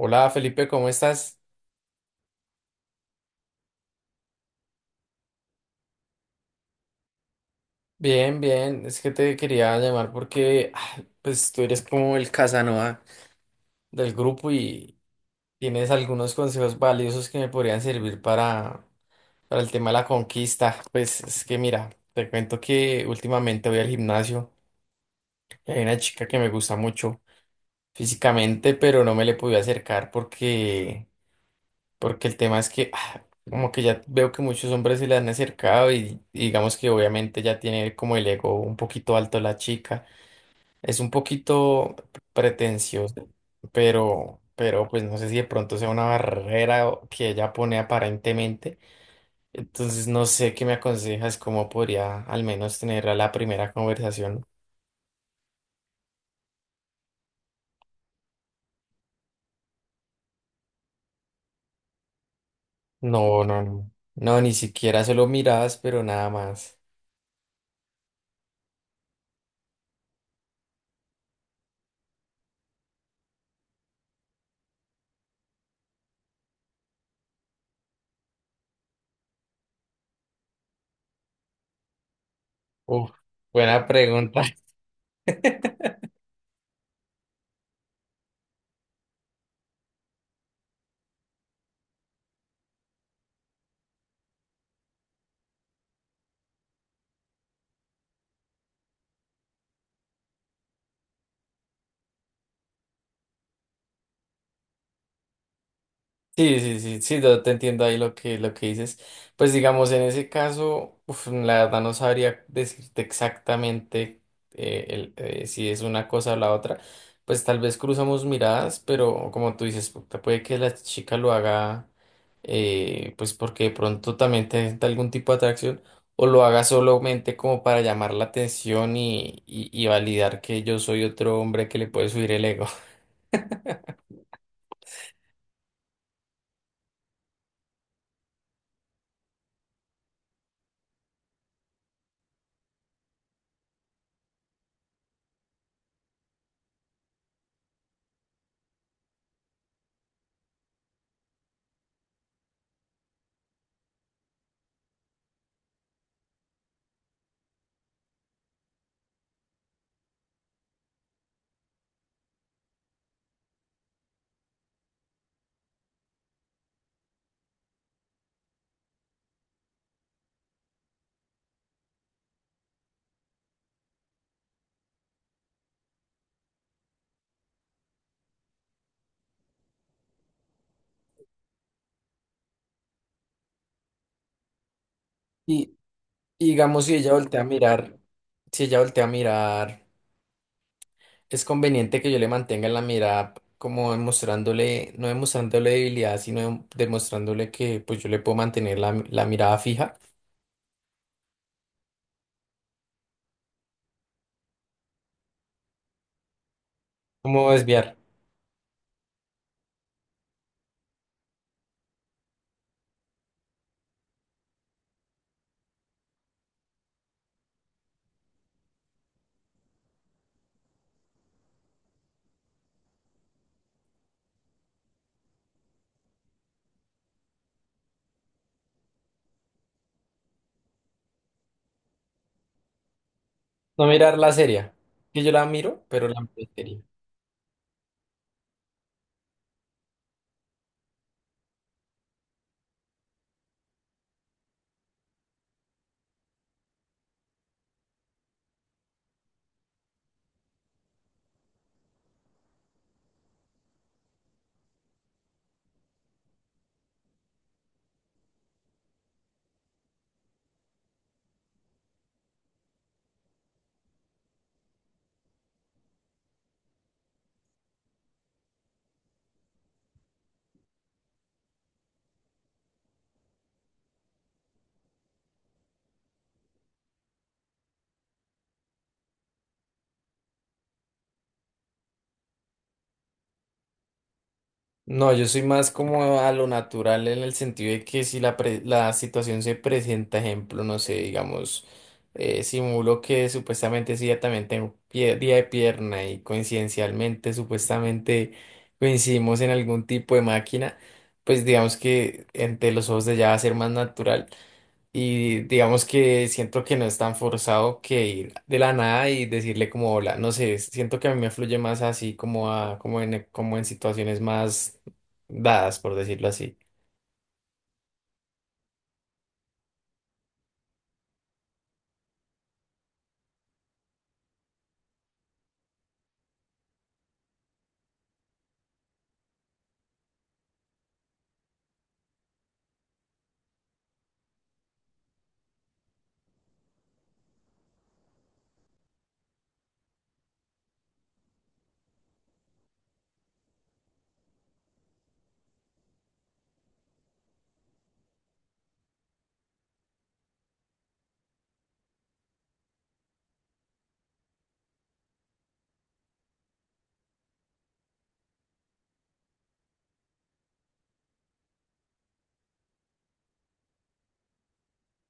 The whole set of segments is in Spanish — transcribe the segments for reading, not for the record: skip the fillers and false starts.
Hola Felipe, ¿cómo estás? Bien, bien. Es que te quería llamar porque pues tú eres como el Casanova del grupo y tienes algunos consejos valiosos que me podrían servir para el tema de la conquista. Pues es que mira, te cuento que últimamente voy al gimnasio y hay una chica que me gusta mucho físicamente, pero no me le pude acercar porque el tema es que como que ya veo que muchos hombres se le han acercado y digamos que obviamente ya tiene como el ego un poquito alto la chica. Es un poquito pretenciosa, pero pues no sé si de pronto sea una barrera que ella pone aparentemente. Entonces no sé qué me aconsejas, cómo podría al menos tener a la primera conversación. No, no, no. No, ni siquiera solo miradas, pero nada más. Uf, buena pregunta. Sí, sí, sí, sí, yo te entiendo ahí lo que dices. Pues digamos, en ese caso, uf, la verdad no sabría decirte exactamente si es una cosa o la otra. Pues tal vez cruzamos miradas, pero como tú dices, puede que la chica lo haga, pues porque de pronto también te sienta algún tipo de atracción, o lo haga solamente como para llamar la atención y validar que yo soy otro hombre que le puede subir el ego. Y digamos, si ella voltea a mirar, si ella voltea a mirar, es conveniente que yo le mantenga en la mirada como demostrándole, no demostrándole debilidad, sino demostrándole que pues yo le puedo mantener la mirada fija. ¿Cómo desviar? No mirarla seria. Que yo la miro, pero la miro seria. No, yo soy más como a lo natural en el sentido de que si la situación se presenta, ejemplo, no sé, digamos, simulo que supuestamente sí, ya también tengo día de pierna y coincidencialmente, supuestamente coincidimos en algún tipo de máquina, pues digamos que entre los ojos de ya va a ser más natural. Y digamos que siento que no es tan forzado que ir de la nada y decirle como hola, no sé, siento que a mí me fluye más así como en situaciones más dadas, por decirlo así.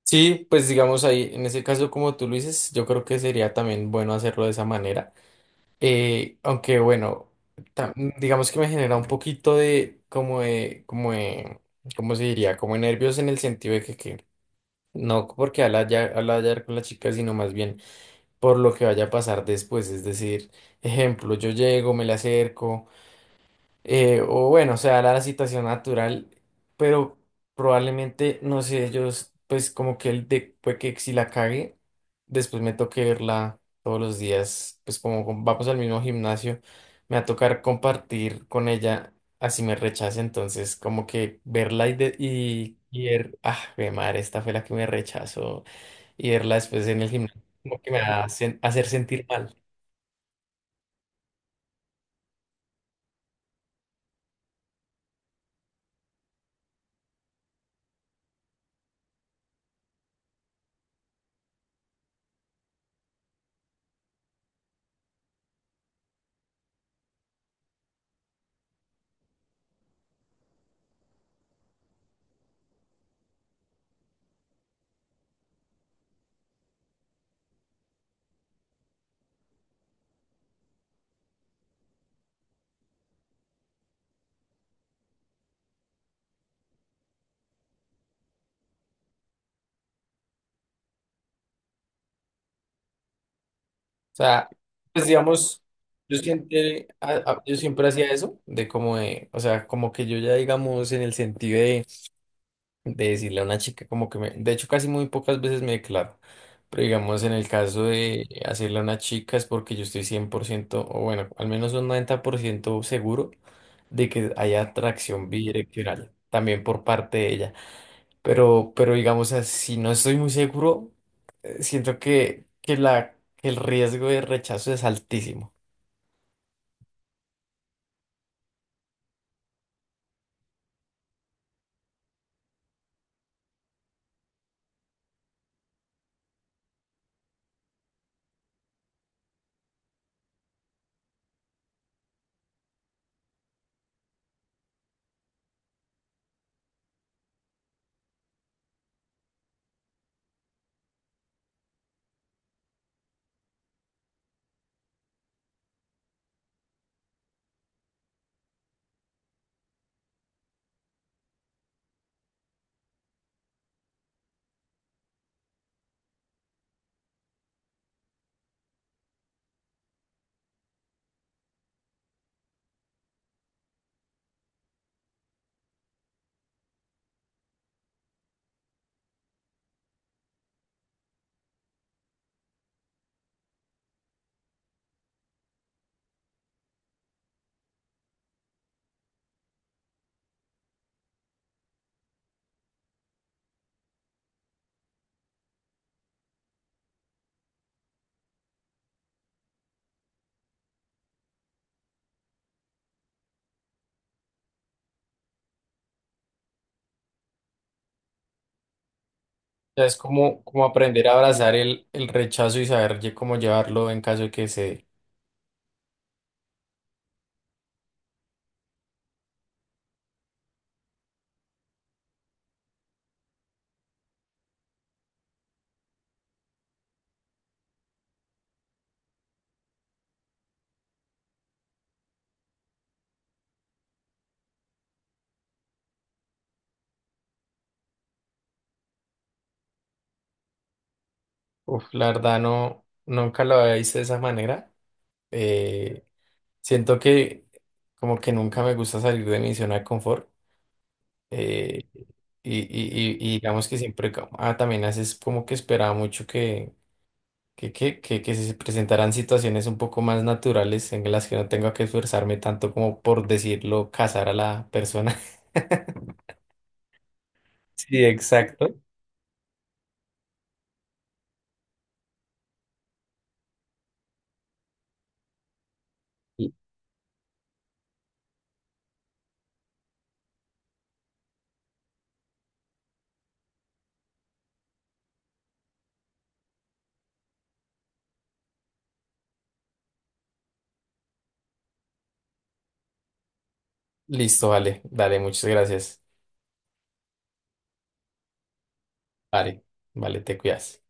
Sí, pues digamos ahí, en ese caso como tú lo dices, yo creo que sería también bueno hacerlo de esa manera. Aunque bueno, ta- digamos que me genera un poquito de ¿cómo se diría? Como nervios en el sentido de que no porque al hablar con la chica, sino más bien por lo que vaya a pasar después. Es decir, ejemplo, yo llego, me le acerco, o bueno, se da la situación natural, pero probablemente, no sé, ellos, pues como que el de puede que si la cague, después me toque verla todos los días, pues como vamos al mismo gimnasio, me va a tocar compartir con ella. Así me rechaza, entonces como que verla y, de- y ver, ah, jue madre, esta fue la que me rechazó y verla después en el gimnasio, como que me va a hacer sentir mal. O sea, pues digamos, yo siempre hacía eso, o sea, como que yo ya digamos en el sentido de decirle a una chica como que me, de hecho casi muy pocas veces me declaro, pero digamos en el caso de hacerle a una chica es porque yo estoy 100% o bueno, al menos un 90% seguro de que haya atracción bidireccional, también por parte de ella. Pero digamos, así no estoy muy seguro, siento que el riesgo de rechazo es altísimo. O sea, es como aprender a abrazar el rechazo y saber cómo llevarlo en caso de que se dé. Uf, la verdad no, nunca lo había visto de esa manera. Eh, siento que como que nunca me gusta salir de mi zona de confort. eh, y digamos que siempre ah, también haces como que esperaba mucho que se presentarán situaciones un poco más naturales en las que no tenga que esforzarme tanto como por decirlo, cazar a la persona. Sí, exacto. Listo, vale, dale, muchas gracias. Vale, vale, te cuidas.